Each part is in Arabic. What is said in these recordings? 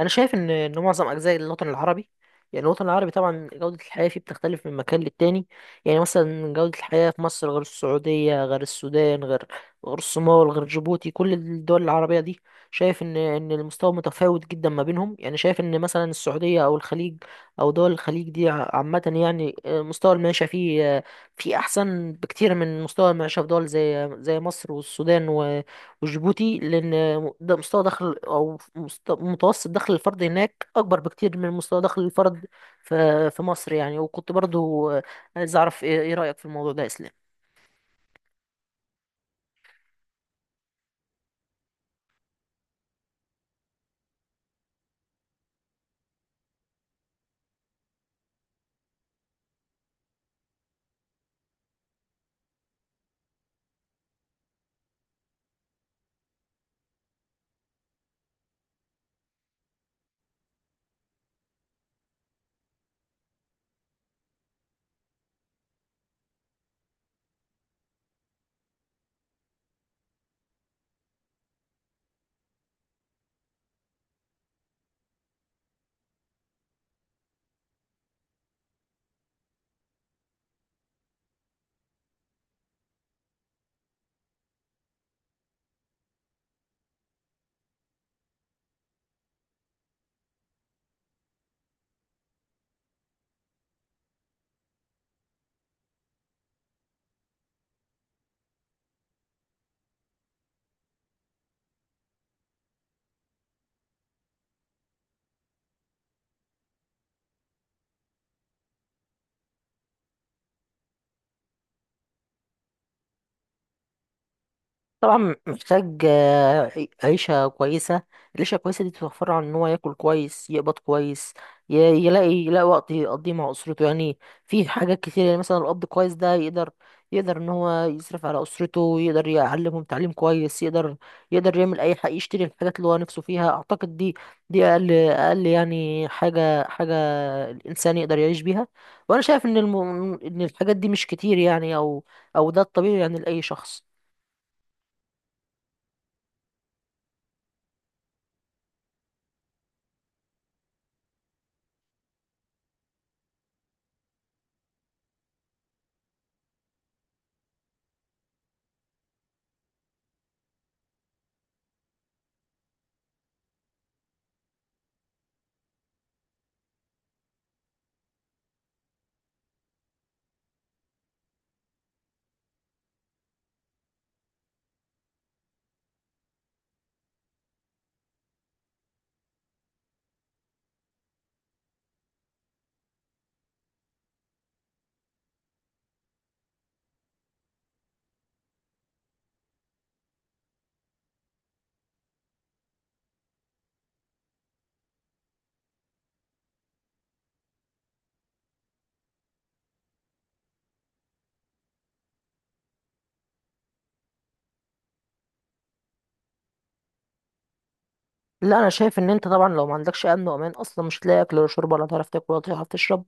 انا شايف ان معظم اجزاء الوطن العربي. يعني الوطن العربي طبعا جودة الحياة فيه بتختلف من مكان للتاني. يعني مثلا جودة الحياة في مصر غير السعودية غير السودان غير الصومال غير جيبوتي، كل الدول العربية دي. شايف ان المستوى متفاوت جدا ما بينهم. يعني شايف ان مثلا السعودية او الخليج او دول الخليج دي عامة يعني، مستوى المعيشة فيه فيه احسن بكتير من مستوى المعيشة في دول زي مصر والسودان وجيبوتي، لأن ده مستوى دخل أو متوسط دخل الفرد هناك أكبر بكتير من مستوى دخل الفرد في مصر يعني. وكنت برضو عايز أعرف إيه رأيك في الموضوع ده يا إسلام؟ طبعا محتاج، عيشة كويسة. العيشة الكويسة دي بتوفر له عن إن هو ياكل كويس، يقبض كويس، ي- يلاقي وقت يقضيه مع أسرته يعني. في حاجات كتير. يعني مثلا الأب كويس ده يقدر إن هو يصرف على أسرته، يقدر يعلمهم تعليم كويس، يقدر يعمل أي حاجة، يشتري الحاجات اللي هو نفسه فيها. أعتقد دي أقل يعني حاجة الإنسان يقدر يعيش بيها. وأنا شايف إن الحاجات دي مش كتير يعني، أو ده الطبيعي يعني لأي شخص. لا، انا شايف ان انت طبعا لو ما عندكش امن وامان اصلا مش هتلاقي اكل ولا شرب، ولا تعرف تاكل ولا تعرف تشرب.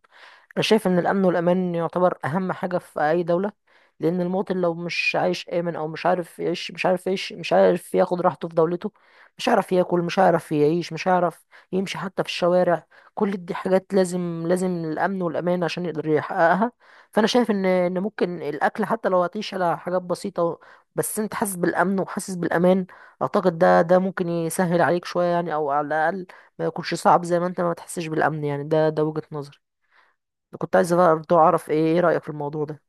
انا شايف ان الامن والامان يعتبر اهم حاجه في اي دوله، لان المواطن لو مش عايش امن، او مش عارف يعيش، مش عارف ياخد راحته في دولته، مش هيعرف ياكل، مش هيعرف يعيش، مش هيعرف يمشي حتى في الشوارع. كل دي حاجات لازم الامن والامان عشان يقدر يحققها. فانا شايف ان ممكن الاكل حتى لو هتعيش على حاجات بسيطه، بس انت حاسس بالامن وحاسس بالامان، اعتقد ده ممكن يسهل عليك شوية يعني، او على الاقل ما يكونش صعب زي ما انت ما تحسش بالامن. يعني ده وجهة نظري. كنت عايز برضه اعرف ايه رأيك في الموضوع ده؟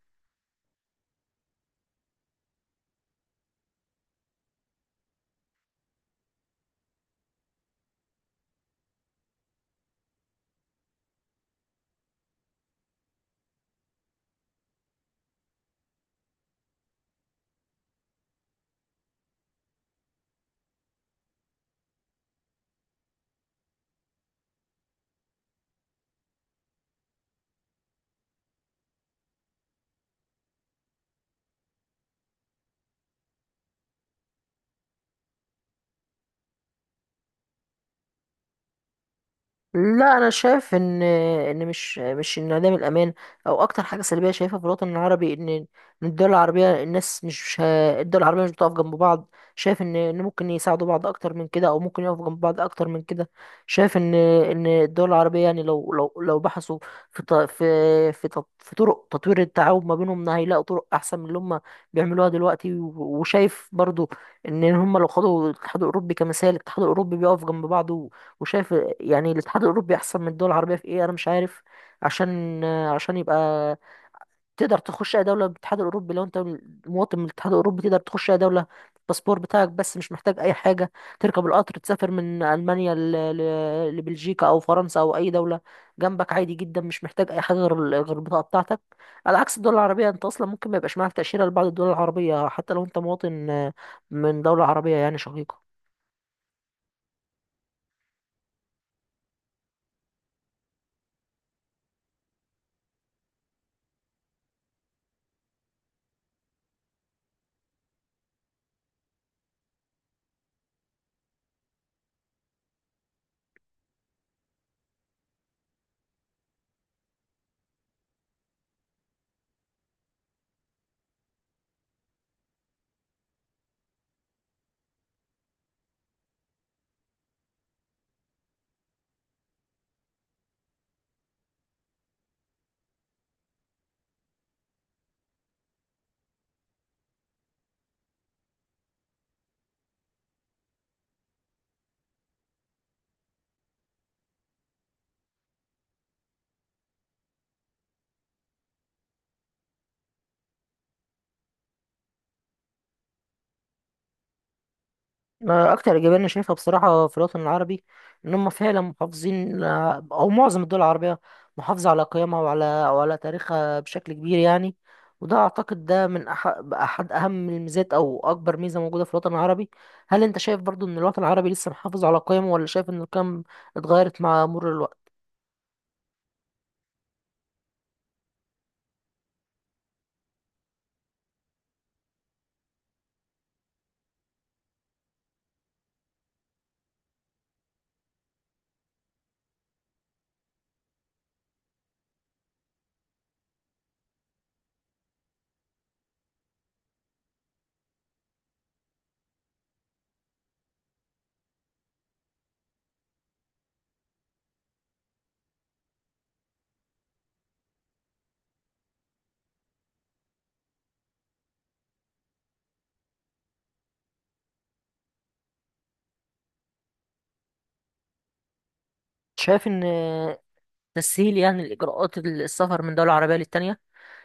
لا، انا شايف ان مش انعدام الامان او اكتر حاجه سلبيه شايفها في الوطن العربي ان الدول العربيه مش بتقف جنب بعض. شايف ان ممكن يساعدوا بعض اكتر من كده، او ممكن يقفوا جنب بعض اكتر من كده. شايف ان الدول العربيه يعني لو لو بحثوا في في طرق تطوير التعاون ما بينهم هيلاقوا طرق احسن من اللي هم بيعملوها دلوقتي. وشايف برضو ان هم لو خدوا الاتحاد الاوروبي كمثال، الاتحاد الاوروبي بيقف جنب بعضه. وشايف يعني الاتحاد الاوروبي احسن من الدول العربيه في ايه، انا مش عارف، عشان يبقى تقدر تخش اي دوله بالاتحاد الاوروبي. لو انت مواطن من الاتحاد الاوروبي تقدر تخش اي دوله الباسبور بتاعك بس، مش محتاج اي حاجه. تركب القطر، تسافر من المانيا لبلجيكا، او فرنسا، او اي دوله جنبك، عادي جدا، مش محتاج اي حاجه غير غير البطاقه بتاعتك. على عكس الدول العربيه، انت اصلا ممكن ما يبقاش معاك تاشيره لبعض الدول العربيه حتى لو انت مواطن من دوله عربيه يعني شقيقه. أنا اكتر ايجابيه انا شايفها بصراحه في الوطن العربي ان هم فعلا محافظين، او معظم الدول العربيه محافظه على قيمها وعلى تاريخها بشكل كبير يعني. وده اعتقد ده من احد اهم الميزات، او اكبر ميزه موجوده في الوطن العربي. هل انت شايف برضو ان الوطن العربي لسه محافظ على قيمه، ولا شايف ان القيم اتغيرت مع مرور الوقت؟ شايف ان تسهيل يعني الاجراءات السفر من دوله عربيه للتانيه.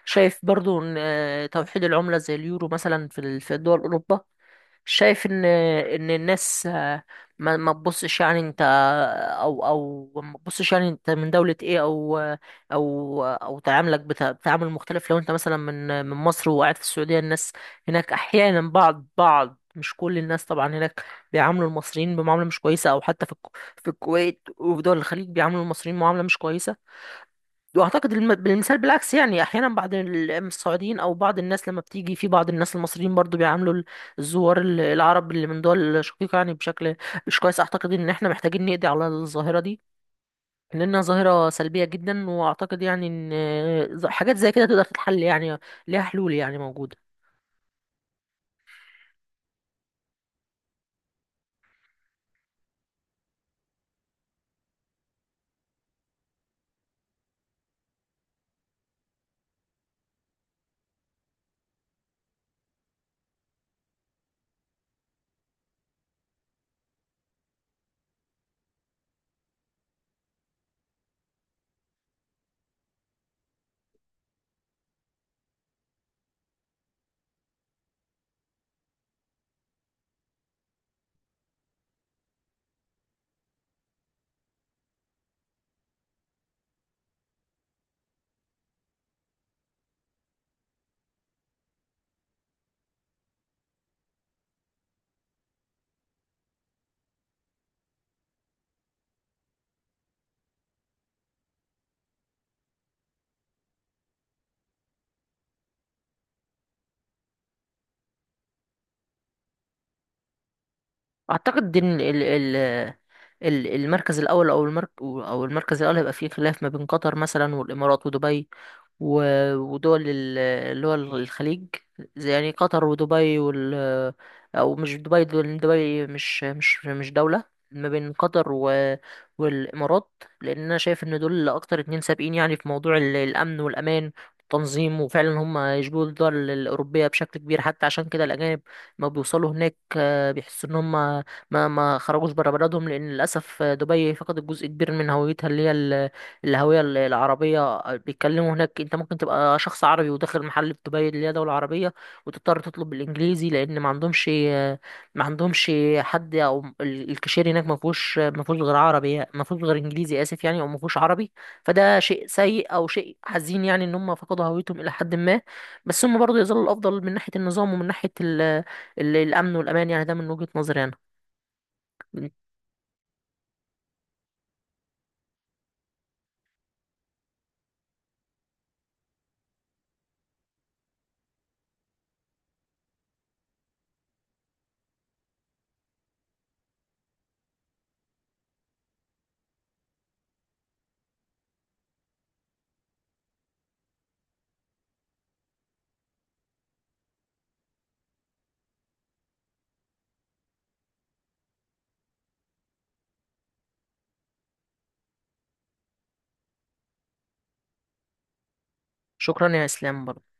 شايف برضو ان توحيد العمله زي اليورو مثلا في دول اوروبا. شايف ان الناس، ما تبصش يعني انت، او او ما تبصش يعني انت من دولة ايه، او تعاملك بتعامل مختلف لو انت مثلا من مصر وقاعد في السعودية. الناس هناك احيانا بعض مش كل الناس طبعا هناك بيعاملوا المصريين بمعاملة مش كويسة، او حتى في في الكويت وفي دول الخليج بيعاملوا المصريين معاملة مش كويسة. واعتقد بالمثال بالعكس يعني احيانا بعض السعوديين، او بعض الناس لما بتيجي في بعض الناس المصريين برضو بيعاملوا الزوار العرب اللي من دول شقيقة يعني بشكل مش كويس. اعتقد ان احنا محتاجين نقضي على الظاهرة دي لانها ظاهرة سلبية جدا. واعتقد يعني ان حاجات زي كده تقدر تتحل يعني، ليها حلول يعني موجودة. اعتقد ان المركز الاول، او المركز الاول هيبقى فيه خلاف ما بين قطر مثلا والامارات ودبي، ودول اللي هو الخليج، زي يعني قطر ودبي او مش دبي، دول دبي مش دولة. ما بين قطر والامارات، لان انا شايف ان دول اكتر اتنين سابقين يعني في موضوع الامن والامان والتنظيم، وفعلا هم يشبهوا الدول الاوروبيه بشكل كبير. حتى عشان كده الاجانب ما بيوصلوا هناك بيحسوا ان هم ما خرجوش بره بلدهم، لان للاسف، دبي فقدت جزء كبير من هويتها اللي هي الهوية العربية. بيتكلموا هناك، انت ممكن تبقى شخص عربي وداخل محل في دبي اللي هي دولة عربية، وتضطر تطلب بالانجليزي لان ما عندهمش حد، او الكاشير هناك ما فيهوش غير عربي يعني، ما فيهوش غير انجليزي، اسف يعني، او ما فيهوش عربي. فده شيء سيء او شيء حزين يعني ان هم فقدوا هويتهم الى حد ما. بس هم برضه يظلوا الافضل من ناحية النظام، ومن ناحية ال ال الامن والامان. يعني ده من وجهة نظري انا. شكرا يا اسلام برضه.